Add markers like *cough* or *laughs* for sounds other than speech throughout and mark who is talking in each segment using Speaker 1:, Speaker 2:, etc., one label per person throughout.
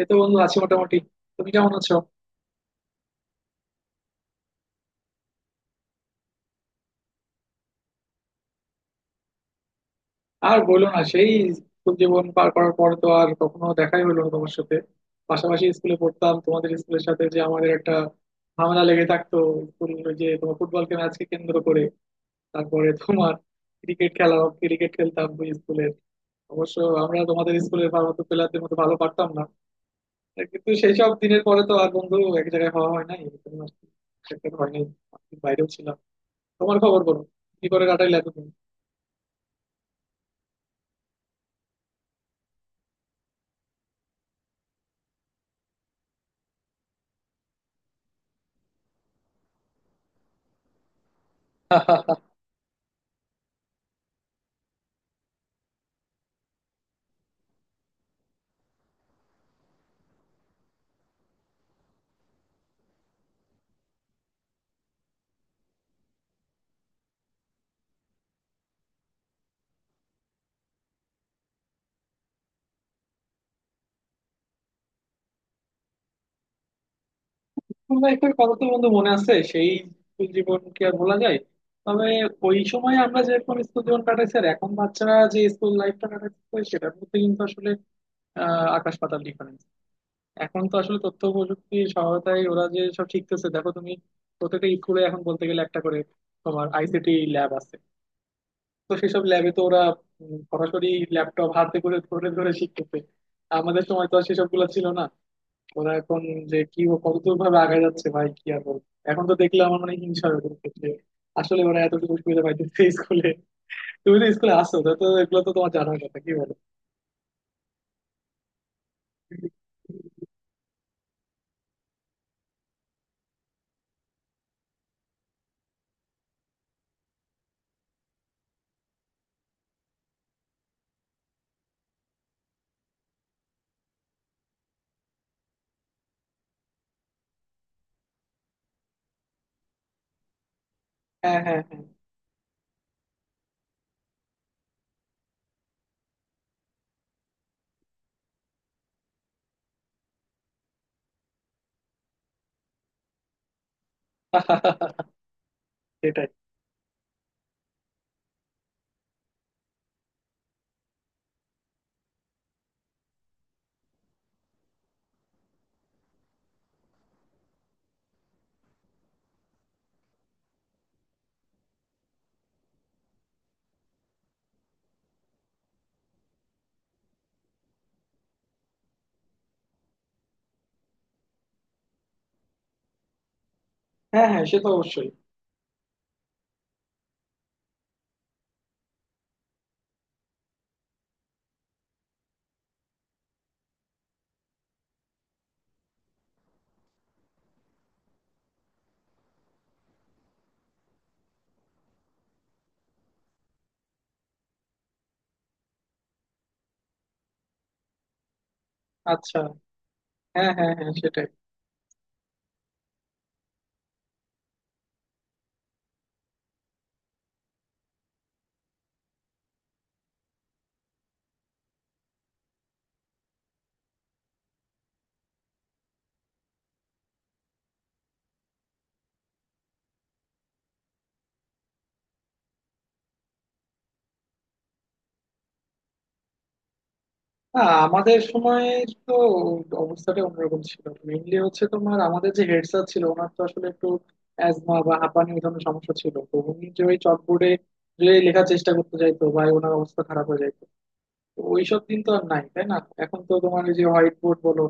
Speaker 1: এই তো বন্ধু আছি মোটামুটি। তুমি কেমন আছো? আর বলো না, সেই স্কুল জীবন পার করার পর তো আর কখনো দেখাই হলো না তোমার সাথে। পাশাপাশি স্কুলে পড়তাম, তোমাদের স্কুলের সাথে যে আমাদের একটা ঝামেলা লেগে থাকতো স্কুল, ওই যে তোমার ফুটবলকে ম্যাচকে কেন্দ্র করে। তারপরে তোমার ক্রিকেট খেলা, ক্রিকেট খেলতাম ওই স্কুলে। অবশ্য আমরা তোমাদের স্কুলের ভালো প্লেয়ারদের মতো ভালো পারতাম না, কিন্তু সেই সব দিনের পরে তো আর বন্ধু এক জায়গায় হওয়া হয় নাই, এরকম আর কি। সেটা তো হয় নাই, আমি বাইরেও ছিলাম। তোমার খবর বলো, কি করে কাটাইলে এতদিন? *laughs* স্কুল লাইফের কথা তো বন্ধু মনে আছে, সেই স্কুল জীবন কি আর বলা যায়। তবে ওই সময় আমরা যেরকম স্কুল জীবন কাটাইছি আর এখন বাচ্চারা যে স্কুল লাইফটা কাটাচ্ছে, সেটার মধ্যে কিন্তু আসলে আকাশ পাতাল ডিফারেন্স। এখন তো আসলে তথ্য প্রযুক্তির সহায়তায় ওরা যে সব শিখতেছে, দেখো তুমি, প্রত্যেকটা স্কুলে এখন বলতে গেলে একটা করে তোমার আইসিটি ল্যাব আছে। তো সেসব ল্যাবে তো ওরা সরাসরি ল্যাপটপ হাতে করে ধরে ধরে শিখতেছে। আমাদের সময় তো আর সেসব গুলো ছিল না। ওরা এখন যে কি ও কতদূর ভাবে আগে যাচ্ছে, ভাই কি আর বলবো, এখন তো দেখলে আমার মানে হিংসা হয়ে যাচ্ছে, যে আসলে ওরা এতটুকু সুবিধা পাইতেছে স্কুলে। তুমি তো স্কুলে আসো, তো তো এগুলো তো তোমার জানার কথা, কি বলো? হ্যাঁ, হ্যাঁ, হ্যাঁ। *laughs* সেটাই। হ্যাঁ, হ্যাঁ, সে তো অবশ্যই। আচ্ছা। হ্যাঁ, হ্যাঁ, হ্যাঁ, সেটাই। আমাদের সময় তো অবস্থাটা অন্যরকম ছিল। মেইনলি হচ্ছে তোমার আমাদের যে হেড স্যার ছিল, ওনার তো আসলে একটু অ্যাজমা বা হাঁপানি এই ধরনের সমস্যা ছিল, তো উনি যে ওই চকবোর্ডে যে লেখার চেষ্টা করতে যাইতো ভাই, ওনার অবস্থা খারাপ হয়ে যাইতো। তো ওইসব দিন তো আর নাই, তাই না? এখন তো তোমার এই যে হোয়াইট বোর্ড বলো,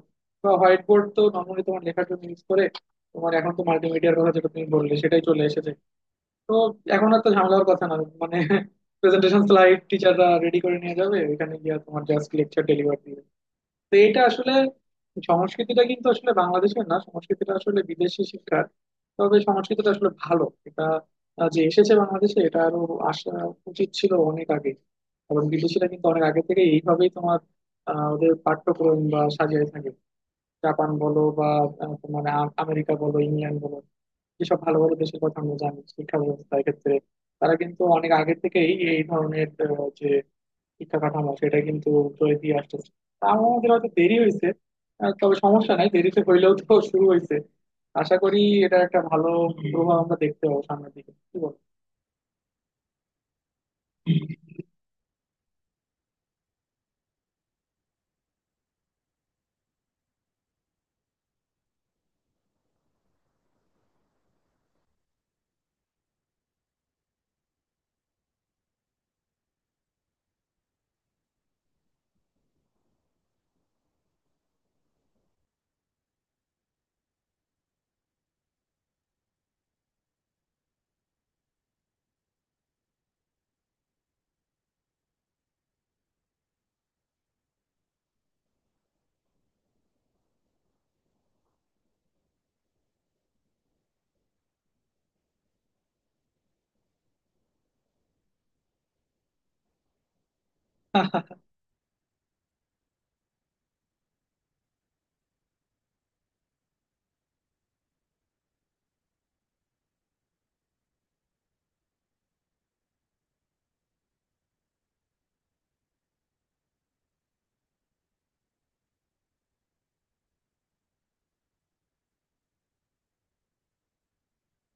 Speaker 1: বা হোয়াইট বোর্ড তো নর্মালি তোমার লেখার জন্য ইউজ করে। তোমার এখন তো মাল্টিমিডিয়ার কথা যেটা তুমি বললে সেটাই চলে এসেছে। তো এখন আর তো ঝামেলা হওয়ার কথা না, মানে প্রেজেন্টেশন স্লাইড টিচাররা রেডি করে নিয়ে যাবে, ওইখানে গিয়ে তোমার জাস্ট লেকচার ডেলিভার দিবে। তো এটা আসলে সংস্কৃতিটা কিন্তু আসলে বাংলাদেশের না, সংস্কৃতিটা আসলে বিদেশি শিক্ষার। তবে সংস্কৃতিটা আসলে ভালো, এটা যে এসেছে বাংলাদেশে, এটা আরো আসা উচিত ছিল অনেক আগে। এবং বিদেশিরা কিন্তু অনেক আগে থেকে এইভাবেই তোমার ওদের পাঠ্যক্রম বা সাজিয়ে থাকে। জাপান বলো বা তোমার আমেরিকা বলো, ইংল্যান্ড বলো, যেসব ভালো ভালো দেশের কথা আমরা জানি শিক্ষা ব্যবস্থার ক্ষেত্রে, তারা কিন্তু অনেক আগে থেকেই এই ধরনের যে শিক্ষা কাঠামো, সেটা কিন্তু তৈরি দিয়ে আসতেছে। তা আমাদের হয়তো দেরি হয়েছে। তবে সমস্যা নাই, দেরিতে হইলেও তো শুরু হয়েছে। আশা করি এটা একটা ভালো প্রভাব আমরা দেখতে পাবো সামনের দিকে, কি বল?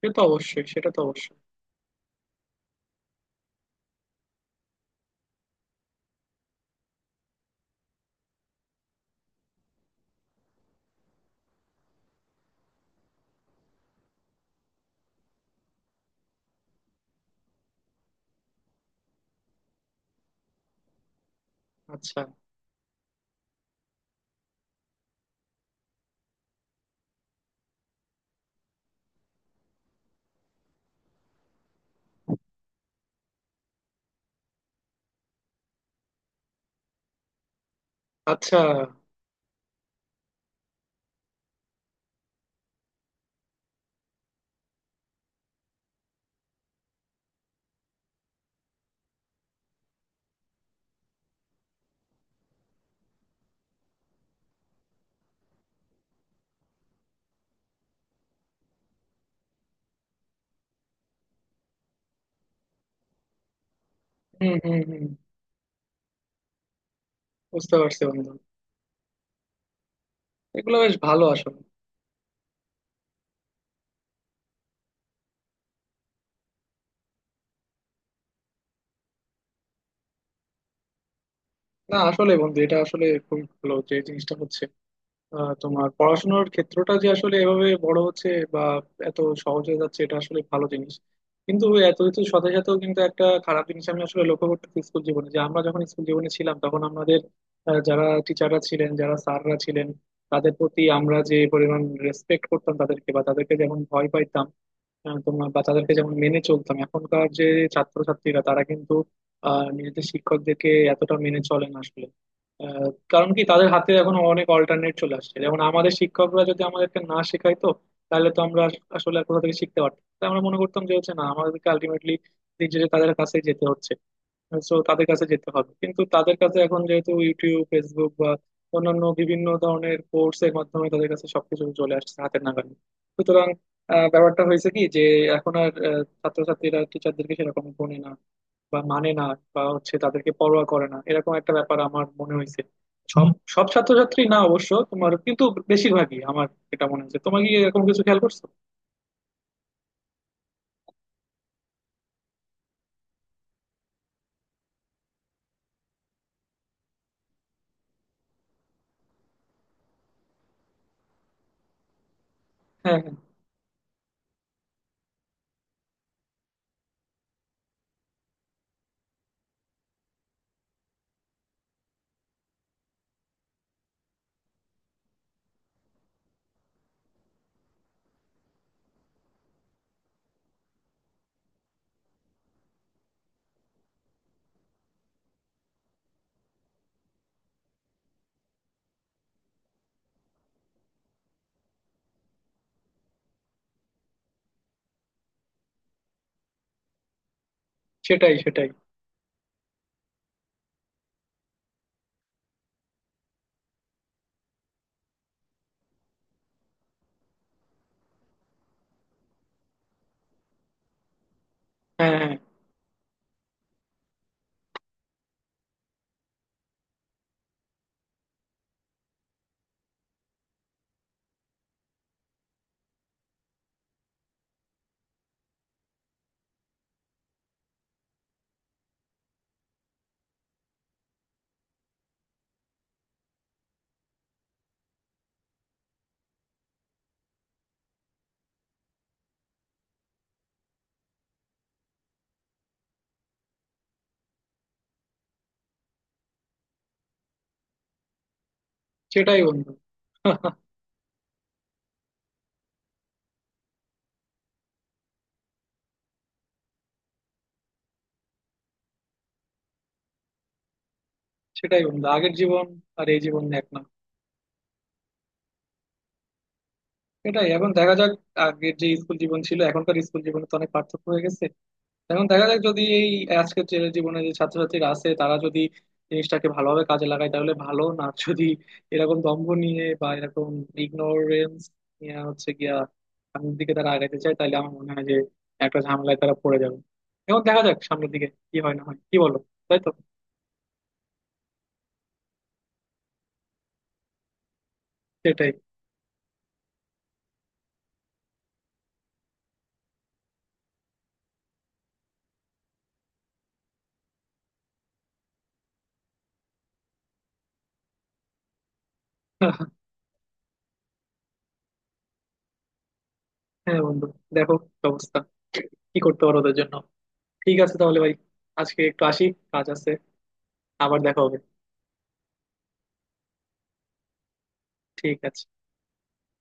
Speaker 1: সে তো অবশ্যই, সেটা তো অবশ্যই। আচ্ছা। আচ্ছা। হুম, হুম, হুম। বুঝতে পারছি বন্ধু, এগুলো বেশ ভালো আসলে। না আসলে বন্ধু, এটা আসলে খুব ভালো যে জিনিসটা হচ্ছে, তোমার পড়াশোনার ক্ষেত্রটা যে আসলে এভাবে বড় হচ্ছে বা এত সহজ হয়ে যাচ্ছে, এটা আসলে ভালো জিনিস। কিন্তু এত কিছুর সাথে সাথেও কিন্তু একটা খারাপ জিনিস আমি আসলে লক্ষ্য করতেছি স্কুল জীবনে, যে আমরা যখন স্কুল জীবনে ছিলাম তখন আমাদের যারা টিচাররা ছিলেন, যারা স্যাররা ছিলেন, তাদের প্রতি আমরা যে পরিমাণ রেসপেক্ট করতাম তাদেরকে, বা তাদেরকে যেমন ভয় পাইতাম, তোমার বা তাদেরকে যেমন মেনে চলতাম, এখনকার যে ছাত্রছাত্রীরা তারা কিন্তু নিজেদের শিক্ষকদেরকে এতটা মেনে চলে না আসলে। আহ, কারণ কি, তাদের হাতে এখন অনেক অল্টারনেট চলে আসছে। যেমন আমাদের শিক্ষকরা যদি আমাদেরকে না শেখাইতো, তাহলে তো আমরা আসলে আর কোথা থেকে শিখতে পারতাম, তাই আমরা মনে করতাম যে হচ্ছে না, আমাদেরকে আলটিমেটলি নিজেদের তাদের কাছেই যেতে হচ্ছে। সো তাদের কাছে যেতে হবে, কিন্তু তাদের কাছে এখন যেহেতু ইউটিউব, ফেসবুক বা অন্যান্য বিভিন্ন ধরনের কোর্স এর মাধ্যমে তাদের কাছে সবকিছু চলে আসছে হাতের নাগালে, সুতরাং ব্যাপারটা হয়েছে কি, যে এখন আর ছাত্রছাত্রীরা টিচারদেরকে সেরকম গুনে না, বা মানে না, বা হচ্ছে তাদেরকে পরোয়া করে না, এরকম একটা ব্যাপার আমার মনে হয়েছে। সব ছাত্রছাত্রী না অবশ্য, তোমার কিন্তু বেশিরভাগই আমার এটা মনে হয়েছে। তোমার কি এরকম কিছু খেয়াল করছো? হ্যাঁ, হ্যাঁ। সেটাই, সেটাই। হ্যাঁ, হ্যাঁ, সেটাই বন্ধু। *laughs* সেটাই বন্ধু, আগের জীবন আর এই জীবন এক না। এটাই, এখন দেখা যাক। আগের যে স্কুল জীবন ছিল, এখনকার স্কুল জীবনে তো অনেক পার্থক্য হয়ে গেছে। এখন দেখা যাক, যদি এই আজকের যে জীবনে যে ছাত্রছাত্রীরা আছে তারা যদি জিনিসটাকে ভালোভাবে কাজে লাগায় তাহলে ভালো, না যদি এরকম দম্ভ নিয়ে বা এরকম ইগনোরেন্স নিয়ে হচ্ছে গিয়া সামনের দিকে তারা আগাইতে চায় তাহলে আমার মনে হয় যে একটা ঝামেলায় তারা পড়ে যাবে। এখন দেখা যাক সামনের দিকে কি হয় না হয়, কি বলো? তাই তো। সেটাই। *laughs* হ্যাঁ বন্ধু, দেখো কি অবস্থা, কি করতে পারো ওদের জন্য। ঠিক আছে তাহলে ভাই, আজকে একটু আসি, কাজ আছে। আবার দেখা হবে। ঠিক আছে।